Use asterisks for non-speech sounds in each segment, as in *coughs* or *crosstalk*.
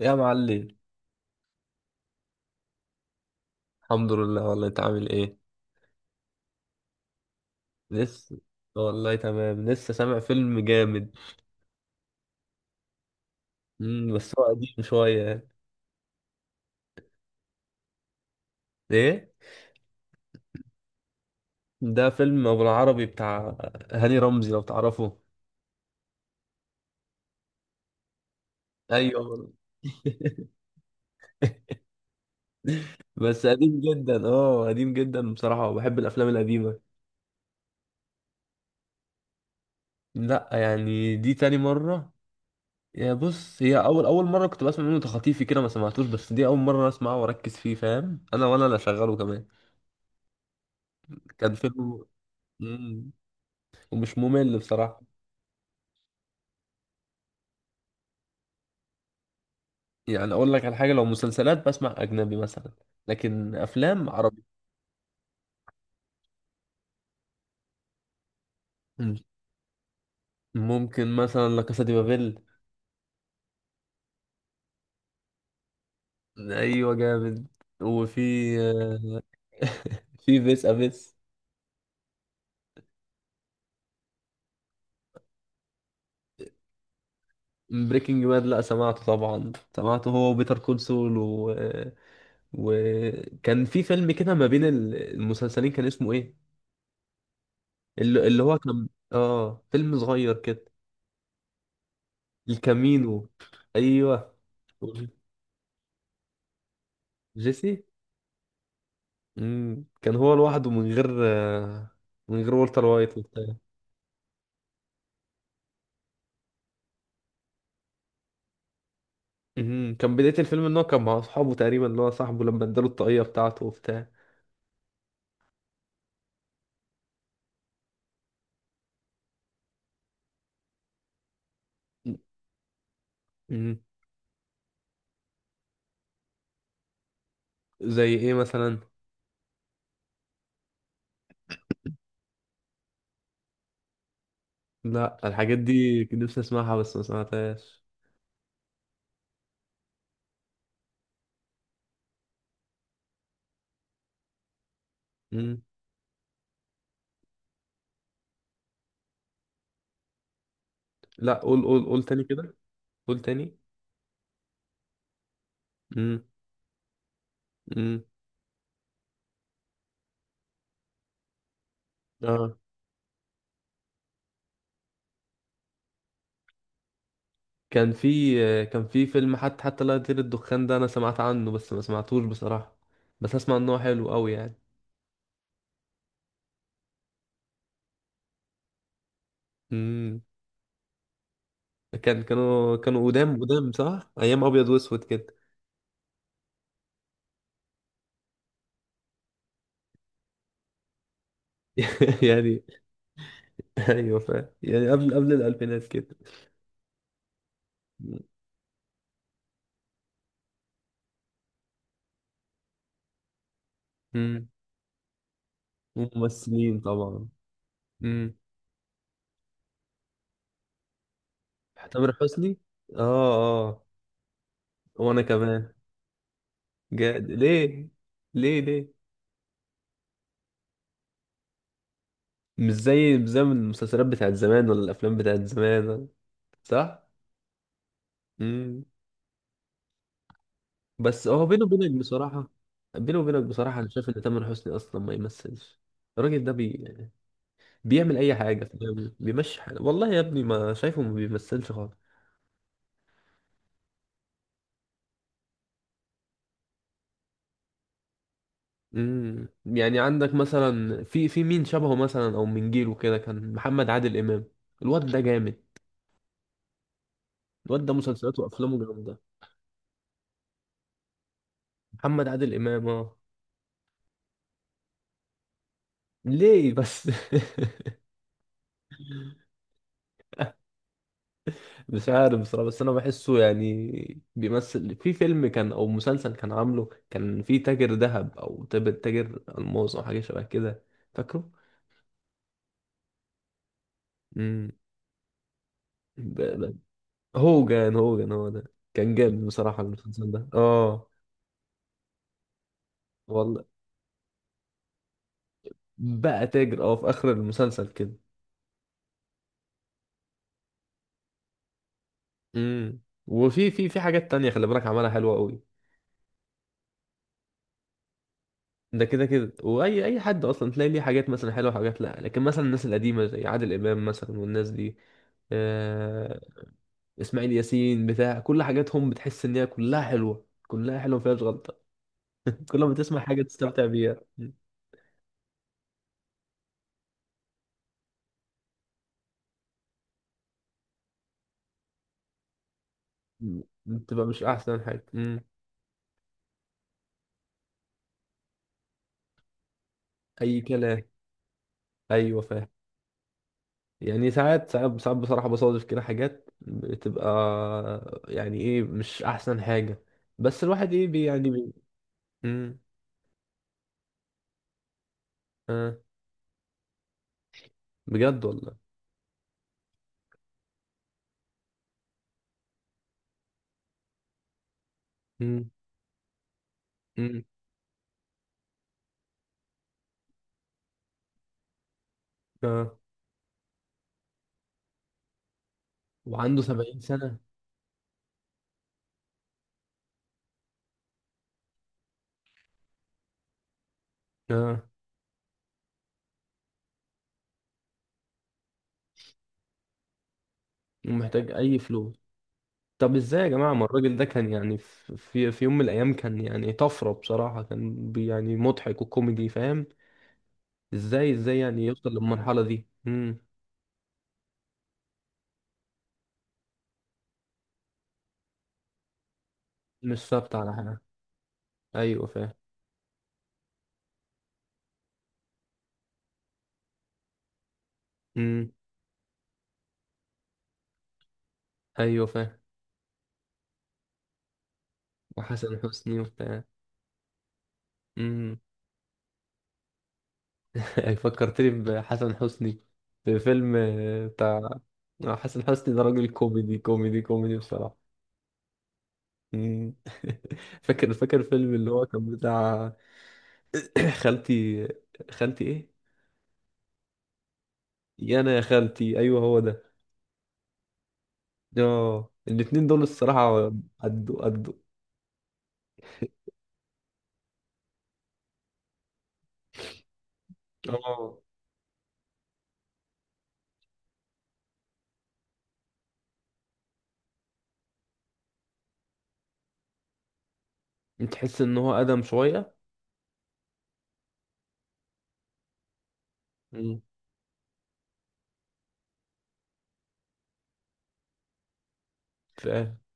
يا معلم. الحمد لله والله انت عامل ايه؟ لسه. والله تمام لسه سامع فيلم جامد. بس هو قديم شوية يعني. ايه. ده فيلم ابو العربي بتاع هاني رمزي لو تعرفه. ايوه والله. *laughs* بس قديم جدا، قديم جدا بصراحة، وبحب الافلام القديمة. لا يعني دي تاني مرة. يا بص، هي اول اول مرة كنت بسمع منه تخاطيفي كده ما سمعتوش، بس دي اول مرة اسمعه واركز فيه فاهم انا ولا لا، شغاله كمان. كان فيلم. مم، ومش ممل بصراحة. يعني اقول لك على حاجه، لو مسلسلات بسمع اجنبي مثلا، لكن افلام عربي. مم. ممكن مثلا لا كاسا دي بابيل. ايوه جامد. وفي فيس افيس. بريكنج باد، لا سمعته طبعا، سمعته هو وبيتر كول سول و... وكان في فيلم كده ما بين المسلسلين، كان اسمه ايه؟ اللي هو كان فيلم صغير كده. الكامينو. ايوه. جيسي. مم. كان هو لوحده من غير والتر وايت وبتاع. مم. كان بداية الفيلم ان هو كان مع اصحابه تقريبا، اللي هو صاحبه لما اداله الطاقية بتاعته وبتاع. مم. زي ايه مثلا؟ لا الحاجات دي كنت نفسي اسمعها بس ما سمعتهاش. مم. لا، قول قول قول تاني كده. قول تاني. مم. مم. اه. كان في فيلم حتى لا يطير الدخان ده انا سمعت عنه بس ما سمعتوش بصراحة، بس اسمع ان هو حلو قوي يعني. مم. كانوا قدام قدام صح، ايام ابيض واسود كده. *laughs* يعني. ايوه فاهم، يعني قبل الالفينات كده. امم. وممثلين طبعا. امم. تامر حسني. اه اه. وانا كمان. جاد ليه ليه ليه. مش زي مش زي من المسلسلات بتاعت زمان ولا الافلام بتاعت زمان. صح. امم. بس هو بينه وبينك بصراحه، بينه وبينك بصراحه انا شايف ان تامر حسني اصلا ما يمثلش. الراجل ده بيعمل اي حاجه فاهم، بيمشي حاله، والله يا ابني ما شايفه ما بيمثلش خالص. امم. يعني عندك مثلا، في في مين شبهه مثلا او من جيله كده، كان محمد عادل امام. الواد ده جامد، الواد ده مسلسلاته وافلامه جامده. محمد عادل امام اه. ليه بس؟ *laughs* مش عارف بصراحه، بس انا بحسه. يعني بيمثل في فيلم كان او مسلسل كان عامله، كان في تاجر ذهب او تاجر الماس او حاجه شبه كده، فاكره؟ امم. هوجن هوجن هو ده. كان جامد بصراحة المسلسل ده اه. والله بقى تاجر اه في آخر المسلسل كده. امم. وفي في في حاجات تانية خلي بالك عملها حلوة قوي. ده كده كده، واي حد اصلا تلاقي ليه حاجات مثلا حلوه وحاجات لا، لكن مثلا الناس القديمه زي عادل امام مثلا والناس دي، آه، اسماعيل ياسين بتاع كل حاجاتهم بتحس ان هي كلها حلوه كلها حلوه ما فيهاش غلطه. *laughs* كل ما تسمع حاجه تستمتع بيها بتبقى مش احسن حاجه. اي كلام. ايوه فاهم. يعني ساعات ساعات ساعات بصراحة بصادف كده حاجات بتبقى يعني ايه مش احسن حاجة، بس الواحد ايه بي يعني بي مم. آه. بجد والله. مم. مم. آه. وعنده 70 سنة. آه. ومحتاج اي فلوس. طب ازاي يا جماعة؟ ما الراجل ده كان يعني، في يوم من الايام كان يعني طفرة بصراحة، كان يعني مضحك وكوميدي فاهم. ازاي يعني يوصل للمرحلة دي؟ مم. مش ثابت على حاجة. ايوه فاهم. مم. ايوه فاهم. وحسن حسني وبتاع. امم. *laughs* فكرتني بحسن حسني. في فيلم بتاع، حسن حسني ده راجل كوميدي كوميدي كوميدي بصراحة. مم. *laughs* فاكر فيلم اللي هو كان بتاع *coughs* *clears throat* خالتي. خالتي ايه؟ يا انا يا خالتي. ايوه هو ده. اه الاتنين دول الصراحة قدوا قدوا. اه تحس ان هو ادم شوية. مم. ف-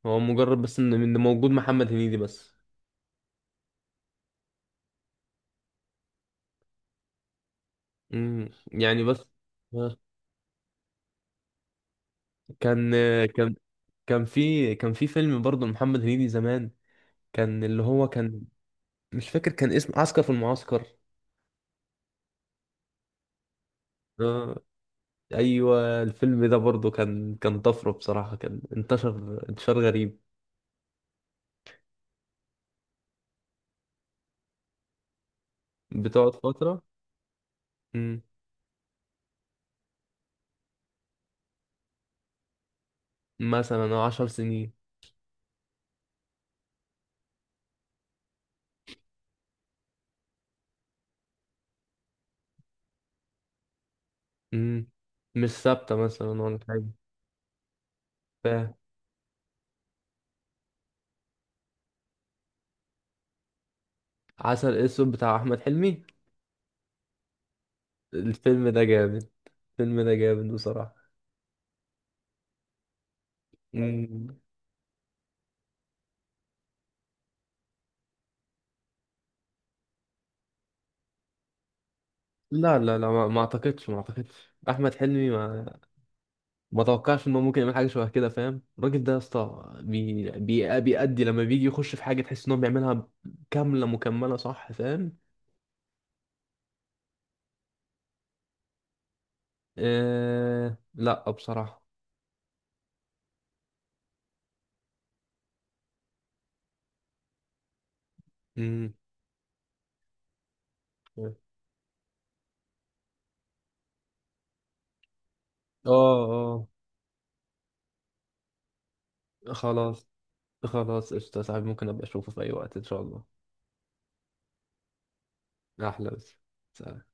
هو مجرد بس ان إن موجود محمد هنيدي بس. مم. يعني بس. آه. كان كان كان في فيلم برضه محمد هنيدي زمان، كان اللي هو كان، مش فاكر، كان اسم عسكر في المعسكر. آه. ايوه الفيلم ده برضه كان طفره بصراحه كان انتشر انتشار غريب، بتقعد فتره. مم. مثلا 10 سنين. مم. مش ثابته مثلا ولا حاجه. فاهم. عسل اسود بتاع احمد حلمي، الفيلم ده جامد، الفيلم ده جامد بصراحه. مم. لا لا لا، ما اعتقدش، ما اعتقدش احمد حلمي، ما توقعش انه ممكن يعمل حاجه شبه كده فاهم. الراجل ده يا اسطى بيأدي، لما بيجي يخش في حاجه تحس انه بيعملها كامله مكمله صح فاهم. لا بصراحه. امم. اه اه. خلاص. خلاص قشطه يا صاحبي، ممكن ابقى اشوفه في اي وقت ان شاء الله. احلى بس. سلام.